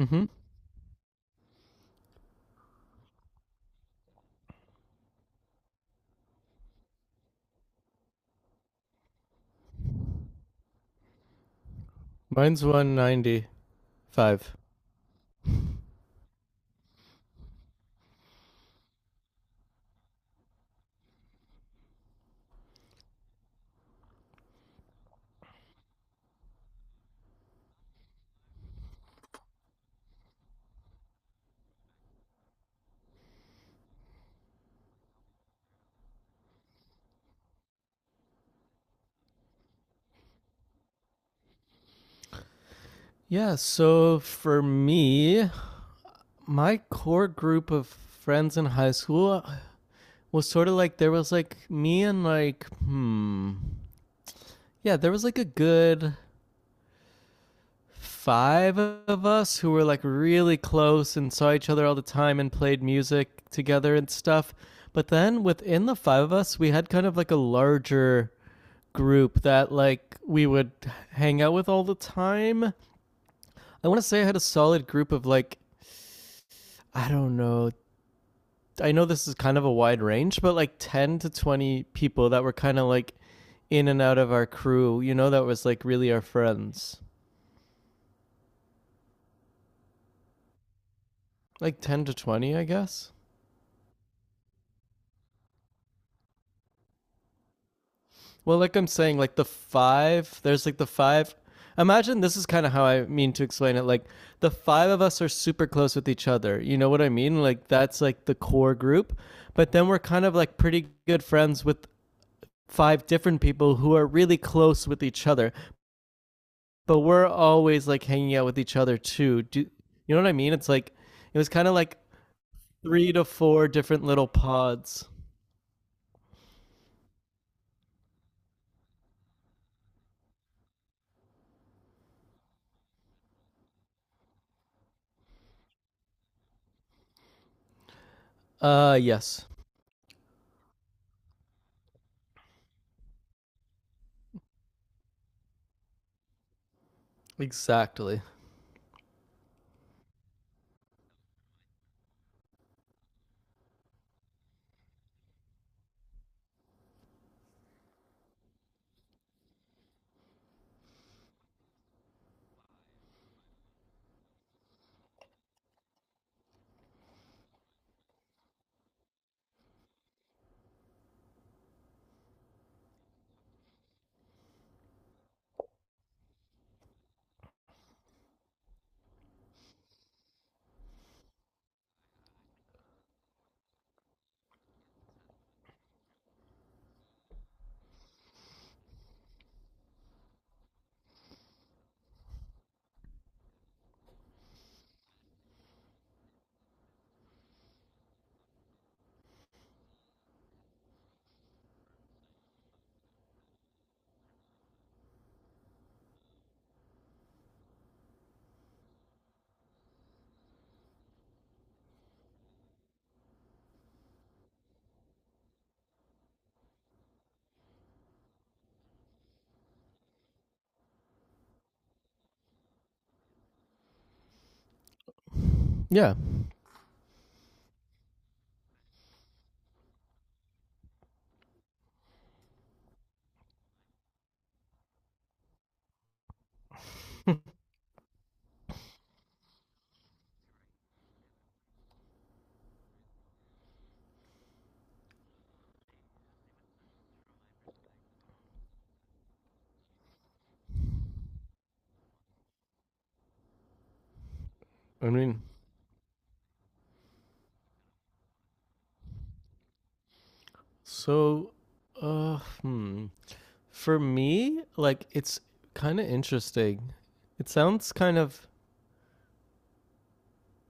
Mm-hmm. Mine's 195. Yeah, so for me, my core group of friends in high school was sort of like there was like me and like, hmm. Yeah, there was like a good five of us who were like really close and saw each other all the time and played music together and stuff. But then within the five of us, we had kind of like a larger group that like we would hang out with all the time. I want to say I had a solid group of like, I don't know. I know this is kind of a wide range, but like 10 to 20 people that were kind of like in and out of our crew, you know, that was like really our friends. Like 10 to 20, I guess. Well, like I'm saying, like the five, there's like the five. Imagine this is kind of how I mean to explain it. Like the five of us are super close with each other. You know what I mean? Like that's like the core group. But then we're kind of like pretty good friends with five different people who are really close with each other, but we're always like hanging out with each other too. Do you know what I mean? It's like it was kind of like three to four different little pods. Yes, exactly. Yeah, I mean, so, hmm, for me, like it's kind of interesting. It sounds kind of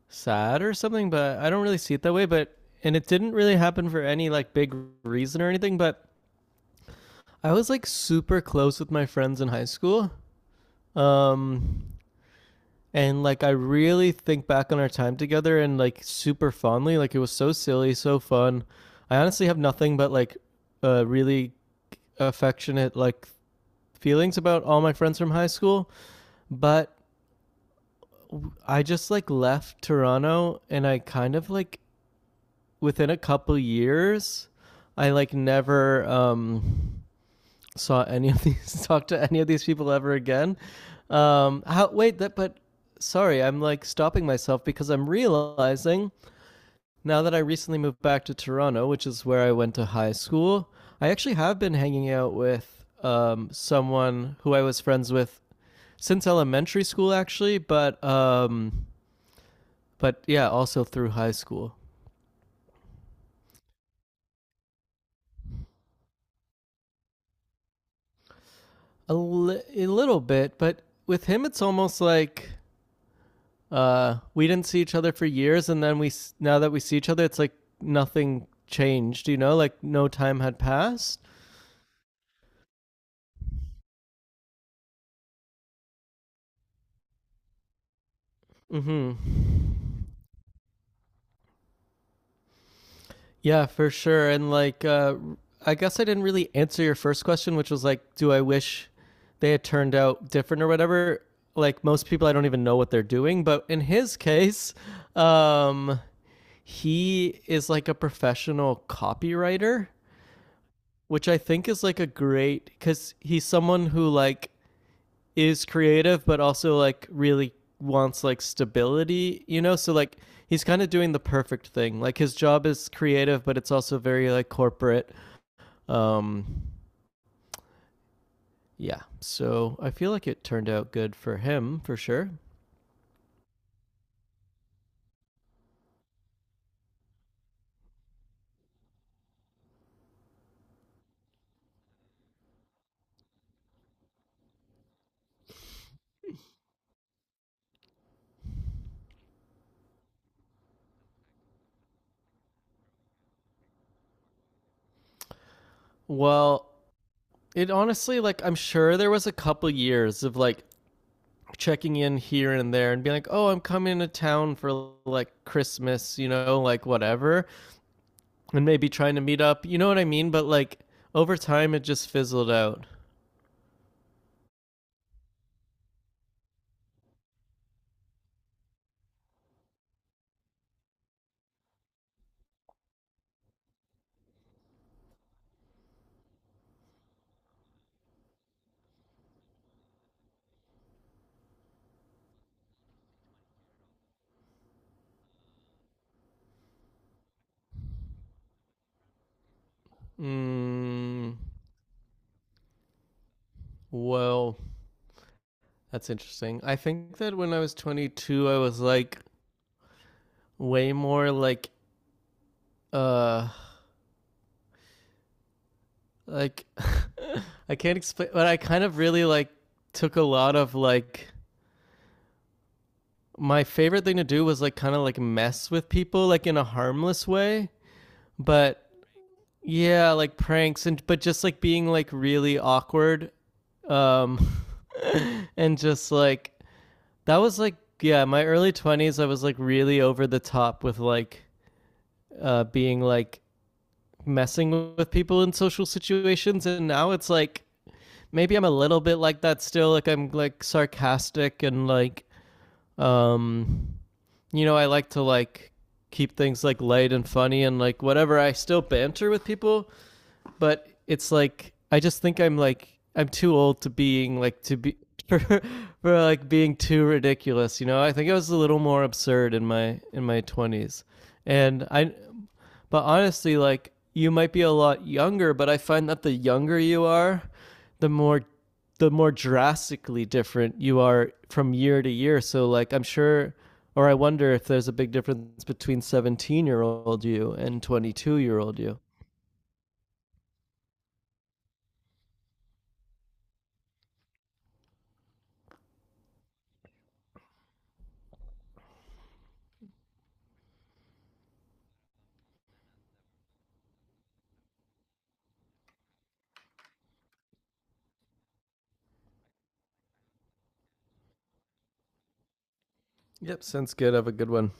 sad or something, but I don't really see it that way. But and it didn't really happen for any like big reason or anything, but I was like super close with my friends in high school. Um and like I really think back on our time together and like super fondly. Like it was so silly, so fun. I honestly have nothing but like really affectionate like feelings about all my friends from high school, but I just like left Toronto and I kind of like within a couple years I like never saw any of these talk to any of these people ever again. How wait that but sorry, I'm like stopping myself because I'm realizing now that I recently moved back to Toronto, which is where I went to high school. I actually have been hanging out with someone who I was friends with since elementary school, actually, but yeah, also through high school a little bit. But with him, it's almost like we didn't see each other for years, and then we now that we see each other, it's like nothing changed. You know, like no time had passed. Hmm. Yeah, for sure. And like, I guess I didn't really answer your first question, which was like, do I wish they had turned out different or whatever? Like most people, I don't even know what they're doing. But in his case, um, he is like a professional copywriter, which I think is like a great because he's someone who like is creative but also like really wants like stability, you know? So like he's kind of doing the perfect thing. Like his job is creative but it's also very like corporate. Um yeah. So I feel like it turned out good for him for sure. Well, it honestly like I'm sure there was a couple years of like checking in here and there and being like, "Oh, I'm coming to town for like Christmas, you know, like whatever," and maybe trying to meet up. You know what I mean? But like over time, it just fizzled out. Mm, well, that's interesting. I think that when I was 22, I was like way more uh, like I can't explain, but I kind of really like took a lot of like my favorite thing to do was like kind of like mess with people like in a harmless way, but yeah, like pranks and but just like being like really awkward. Um and just like that was like yeah, my early 20s I was like really over the top with like being like messing with people in social situations and now it's like maybe I'm a little bit like that still like I'm like sarcastic and like um you know, I like to like keep things like light and funny and like whatever I still banter with people but it's like I just think I'm like I'm too old to being like to be for, like being too ridiculous. You know, I think I was a little more absurd in my twenties, and I. But honestly, like you might be a lot younger, but I find that the younger you are, the more the more drastically different you are from year to year. So like I'm sure or I wonder if there's a big difference between 17-year-old you and 22-year-old you. Yep, sounds good. Have a good one.